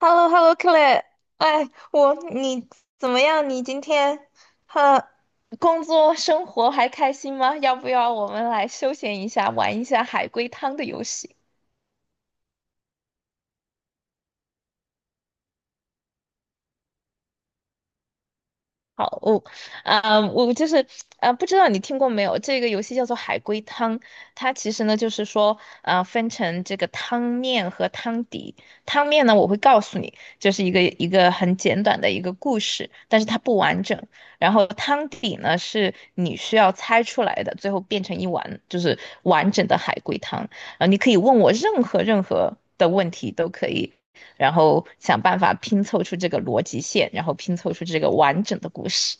h e l l o h e l l o c l a 哎，你怎么样？你今天，哈，工作生活还开心吗？要不要我们来休闲一下，玩一下海龟汤的游戏？好，我就是，不知道你听过没有？这个游戏叫做海龟汤。它其实呢就是说，啊，分成这个汤面和汤底。汤面呢，我会告诉你，就是一个很简短的一个故事，但是它不完整。然后汤底呢，是你需要猜出来的，最后变成一碗就是完整的海龟汤。啊，你可以问我任何的问题都可以，然后想办法拼凑出这个逻辑线，然后拼凑出这个完整的故事。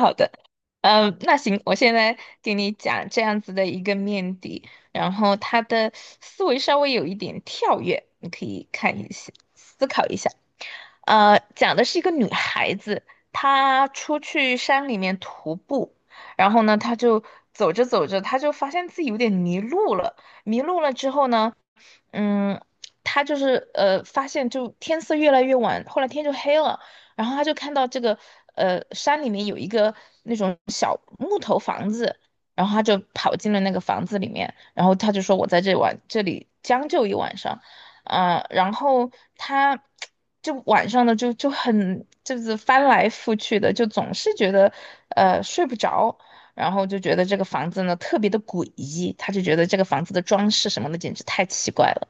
好的，嗯，那行，我现在给你讲这样子的一个面的，然后他的思维稍微有一点跳跃，你可以看一下，思考一下。讲的是一个女孩子，她出去山里面徒步，然后呢，她就走着走着，她就发现自己有点迷路了。迷路了之后呢，嗯，他就是发现就天色越来越晚，后来天就黑了，然后他就看到这个山里面有一个那种小木头房子，然后他就跑进了那个房子里面，然后他就说我在这晚这里将就一晚上。然后他就晚上呢就很就是翻来覆去的，就总是觉得睡不着，然后就觉得这个房子呢特别的诡异，他就觉得这个房子的装饰什么的简直太奇怪了。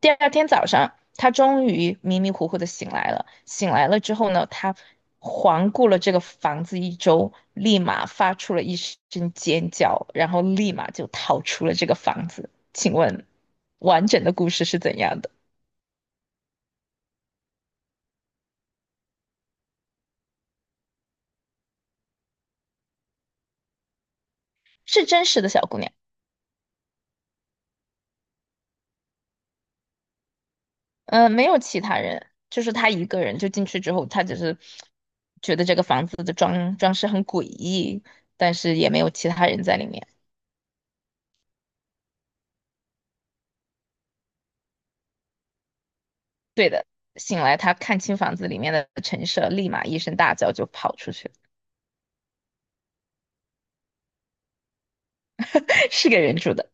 第二天早上，他终于迷迷糊糊的醒来了。醒来了之后呢，他环顾了这个房子一周，立马发出了一声尖叫，然后立马就逃出了这个房子。请问，完整的故事是怎样的？是真实的小姑娘。没有其他人，就是他一个人就进去之后，他只是觉得这个房子的装饰很诡异，但是也没有其他人在里面。对的，醒来他看清房子里面的陈设，立马一声大叫就跑出去。是个人住的。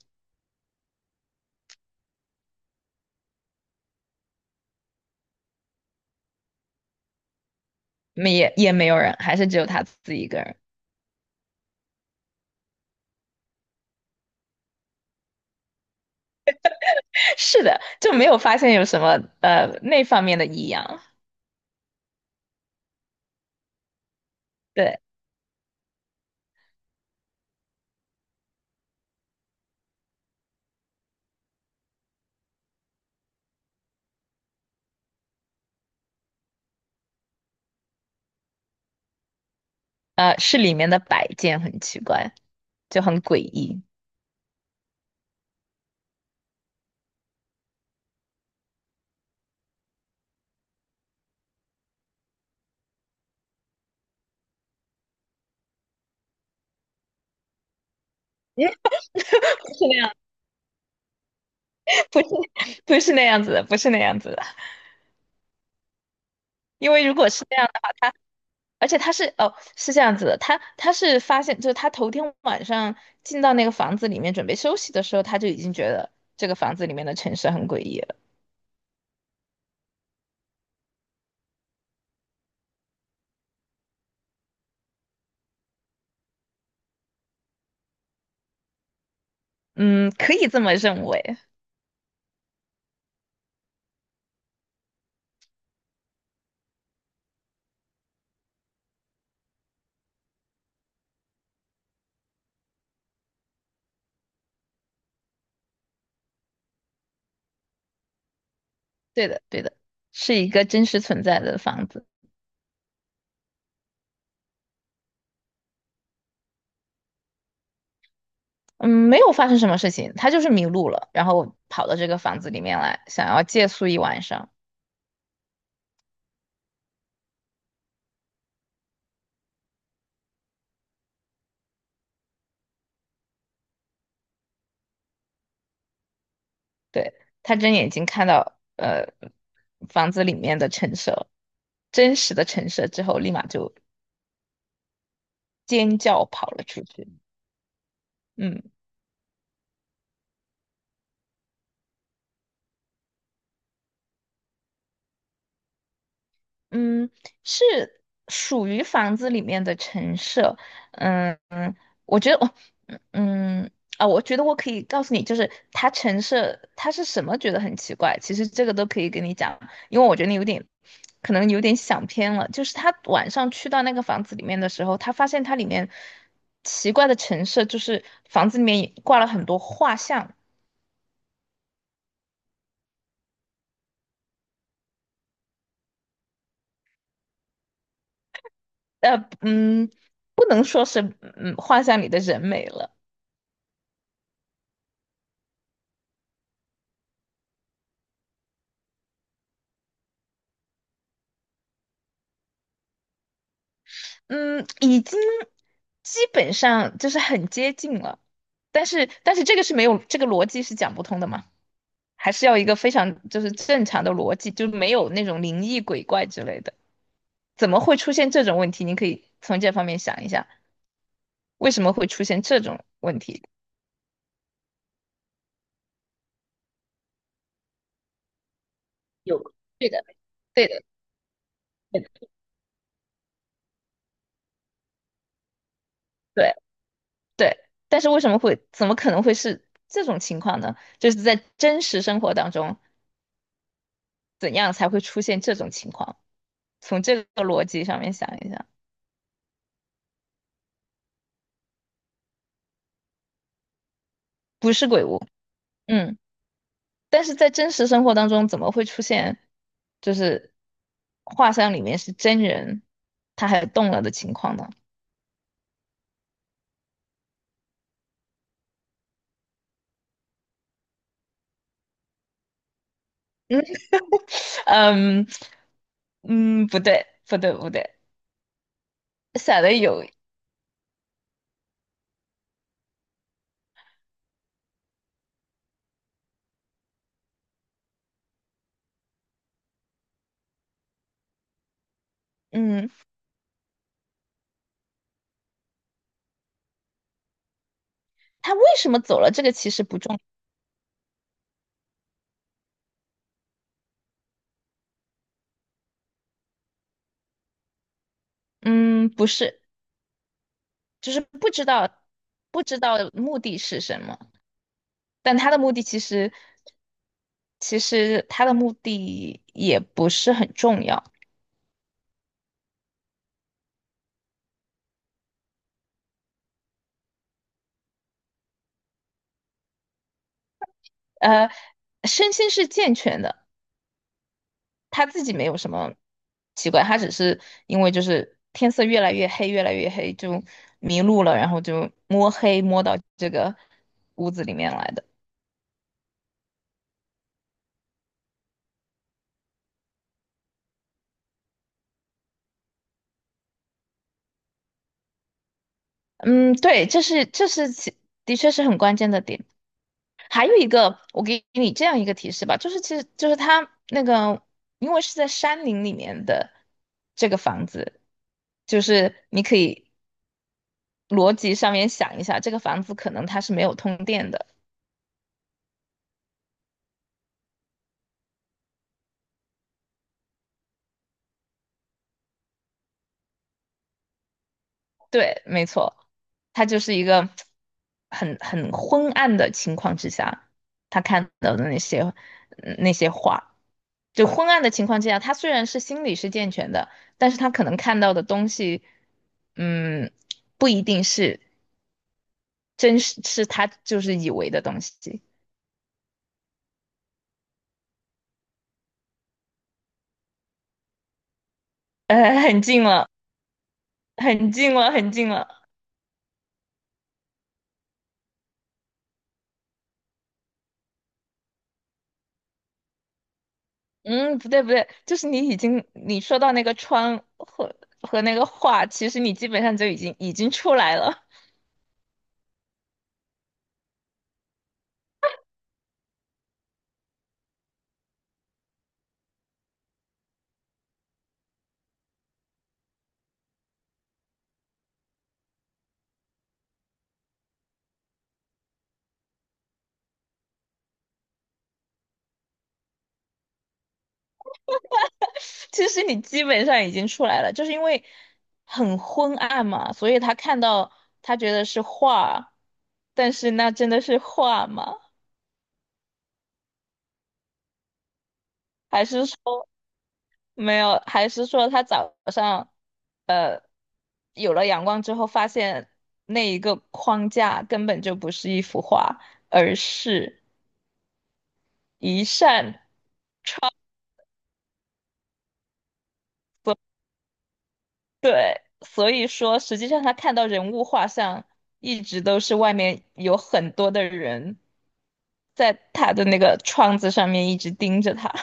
没也也没有人，还是只有他自己一个人。是的，就没有发现有什么那方面的异样。对，是里面的摆件很奇怪，就很诡异。不是那样，不是不是那样子的，不是那样子的。因为如果是这样的话，而且他是，哦，是这样子的，他是发现就是他头天晚上进到那个房子里面准备休息的时候，他就已经觉得这个房子里面的陈设很诡异了。嗯，可以这么认为。对的，对的，是一个真实存在的房子。嗯，没有发生什么事情，他就是迷路了，然后跑到这个房子里面来，想要借宿一晚上。对，他睁眼睛看到房子里面的陈设，真实的陈设之后，立马就尖叫跑了出去。嗯嗯，是属于房子里面的陈设。嗯嗯，我觉得我嗯啊，我觉得我可以告诉你，就是它陈设它是什么，觉得很奇怪。其实这个都可以跟你讲，因为我觉得你有点可能有点想偏了。就是他晚上去到那个房子里面的时候，他发现它里面奇怪的陈设，就是房子里面挂了很多画像。呃，嗯，不能说是画像里的人美了。嗯，已经基本上就是很接近了，但是这个是没有，这个逻辑是讲不通的嘛，还是要一个非常就是正常的逻辑，就没有那种灵异鬼怪之类的，怎么会出现这种问题？你可以从这方面想一下，为什么会出现这种问题？有，对的，对的，对的，对对，但是为什么会，怎么可能会是这种情况呢？就是在真实生活当中，怎样才会出现这种情况？从这个逻辑上面想一想。不是鬼屋，嗯，但是在真实生活当中，怎么会出现就是画像里面是真人，他还动了的情况呢？嗯嗯，不对不对不对，想的有，嗯，他为什么走了？这个其实不重。嗯，不是，就是不知道目的是什么。但他的目的其实，其实他的目的也不是很重要。呃，身心是健全的，他自己没有什么奇怪，他只是因为就是天色越来越黑，越来越黑就迷路了，然后就摸黑摸到这个屋子里面来的。嗯，对，这是这是其的确是很关键的点。还有一个，我给你这样一个提示吧，就是其实就是他那个，因为是在山林里面的这个房子，就是你可以逻辑上面想一下，这个房子可能它是没有通电的。对，没错，它就是一个很昏暗的情况之下，他看到的那些画。就昏暗的情况之下，他虽然是心理是健全的，但是他可能看到的东西，嗯，不一定是真是是他就是以为的东西。很近了，很近了，很近了。嗯，不对不对，就是你已经你说到那个窗和那个画，其实你基本上就已经出来了。其实你基本上已经出来了，就是因为很昏暗嘛，所以他看到他觉得是画，但是那真的是画吗？还是说没有？还是说他早上有了阳光之后，发现那一个框架根本就不是一幅画，而是一扇窗。所所以说，实际上他看到人物画像，一直都是外面有很多的人在他的那个窗子上面一直盯着他。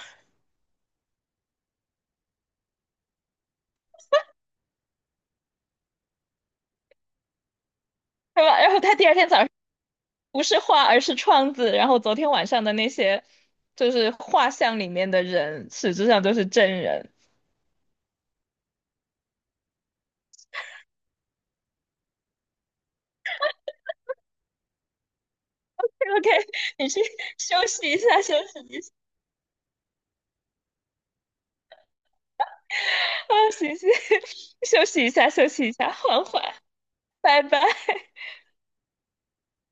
对吧？然后他第二天早上不是画，而是窗子。然后昨天晚上的那些就是画像里面的人，实质上都是真人。OK，你去休息一下，休息一下。啊，行行，休息一下，休息一下，缓缓，拜拜。